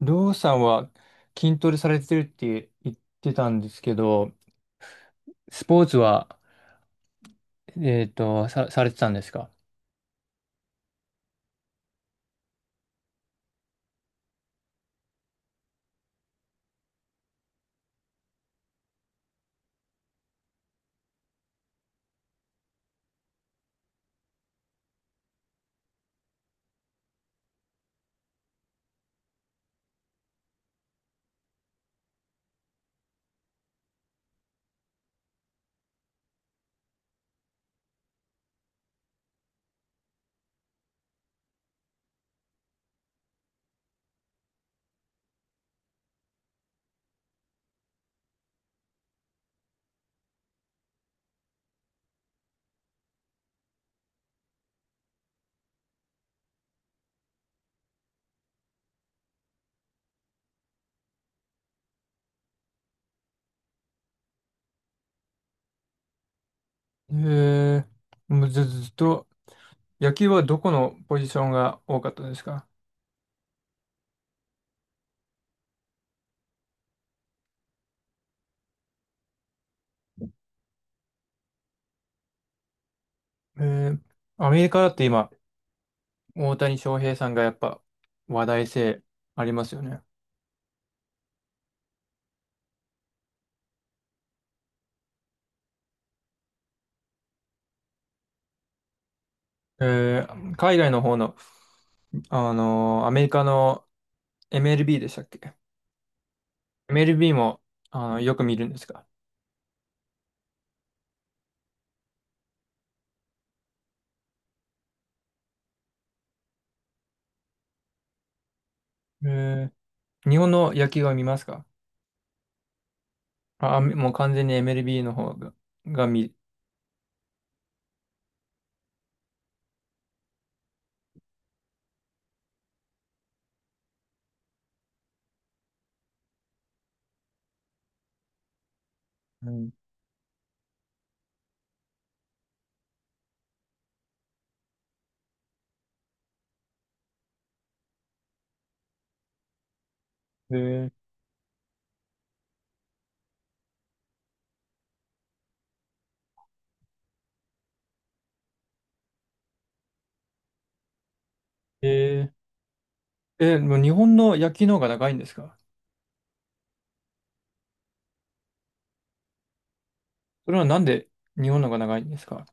りょうさんは筋トレされてるって言ってたんですけど、スポーツは、されてたんですか？へえ。もうずっと、野球はどこのポジションが多かったですか？えー、アメリカだって今、大谷翔平さんがやっぱ話題性ありますよね。えー、海外の方の、あのーアメリカの MLB でしたっけ？ MLB も、あの、よく見るんですか？えー、日本の野球は見ますか？あ、もう完全に MLB の方が、が見、うん。えー。えー、えー、もう日本の野球の方が長いんですか？それはなんで日本の方が長いんですか？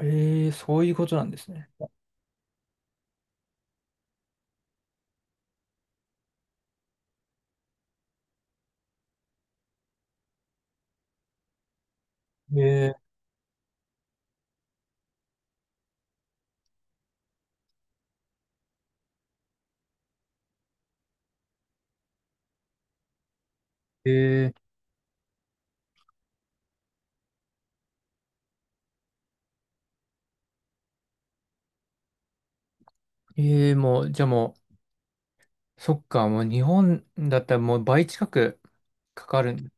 えー、そういうことなんですね。で、えー。えー、もう、そっか、もう日本だったらもう倍近くかかるん。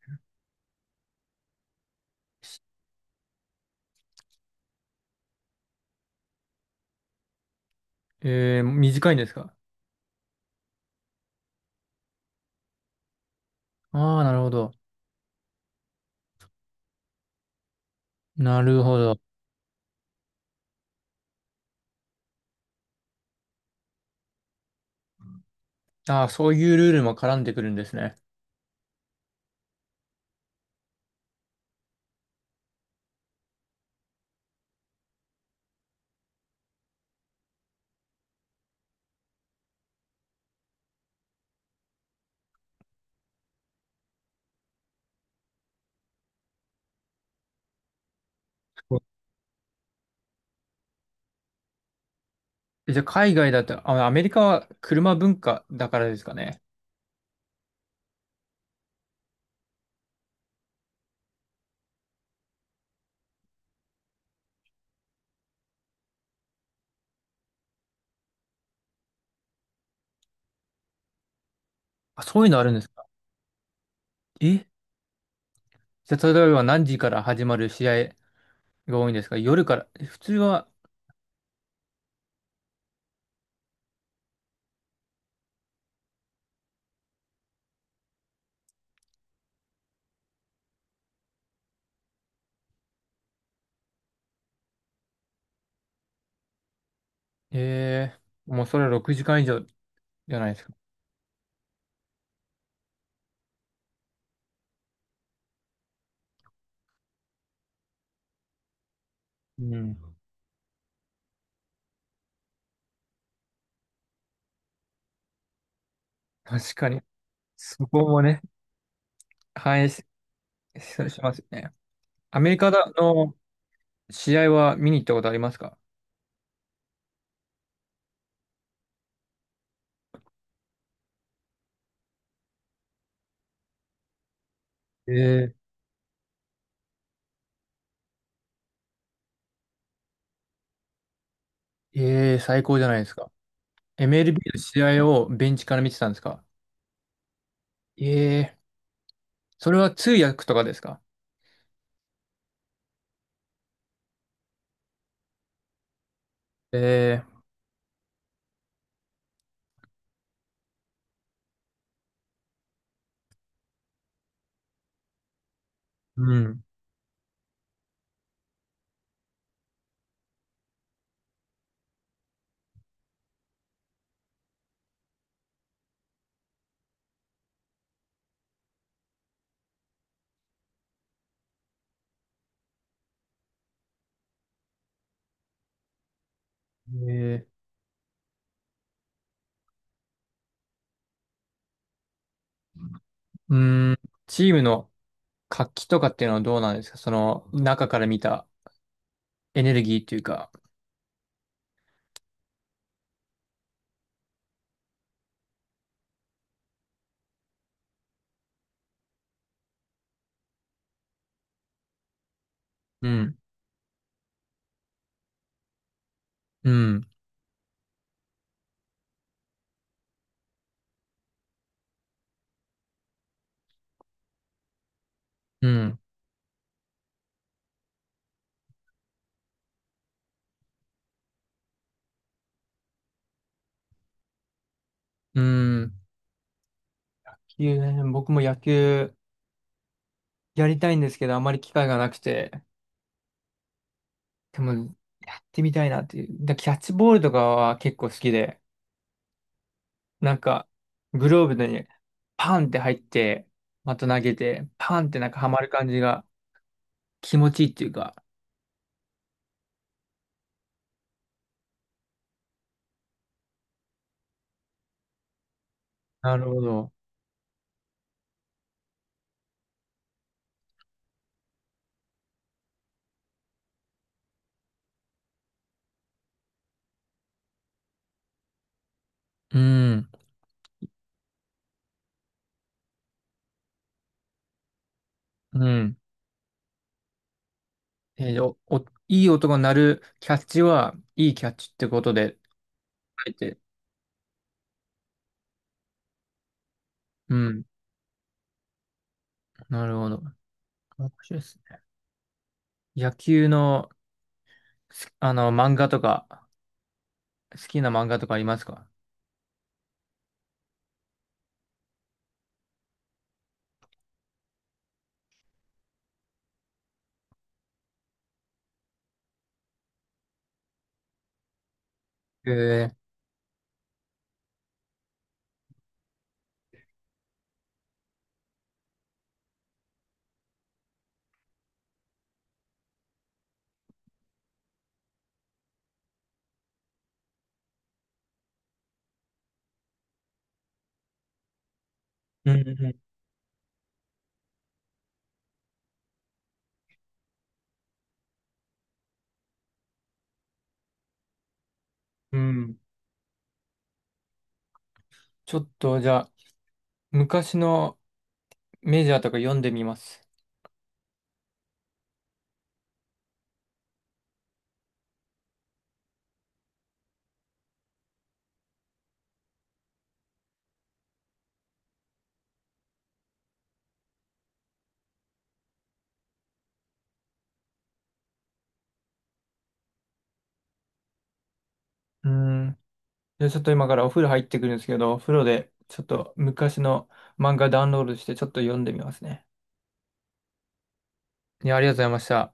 えー、短いんですか？ああー、なるほど。なるほど。ああ、そういうルールも絡んでくるんですね。え、じゃあ海外だと、あ、アメリカは車文化だからですかね。あ、そういうのあるんですか？え、じゃあ例えば何時から始まる試合が多いんですか？夜から。え、普通は、えー、もうそれは6時間以上じゃないですか。うん。確かに。そこもね、反映し、ししますよね。アメリカだの試合は見に行ったことありますか？えー、えー、最高じゃないですか。MLB の試合をベンチから見てたんですか？えー、それは通訳とかですか？えー、うん。えー、うーん、チームの活気とかっていうのはどうなんですか、その中から見たエネルギーっていうか。うん、うん、うん、うん。野球ね、僕も野球やりたいんですけど、あまり機会がなくて、でもやってみたいなっていう。だ、キャッチボールとかは結構好きで、なんかグローブにパンって入って、また投げて、パンってなんかハマる感じが気持ちいいっていうか。なるほど。うん、うん。えーお、お、いい音が鳴るキャッチは、いいキャッチってことで書いて、うん、なるほど。面白いですね。野球の、あの、漫画とか、好きな漫画とかありますか？ええー。うん。うん、うん。ちょっと、じゃあ、昔のメジャーとか読んでみます。うん。じゃあ、ちょっと今からお風呂入ってくるんですけど、お風呂で、ちょっと昔の漫画ダウンロードして、ちょっと読んでみますね。いや、ありがとうございました。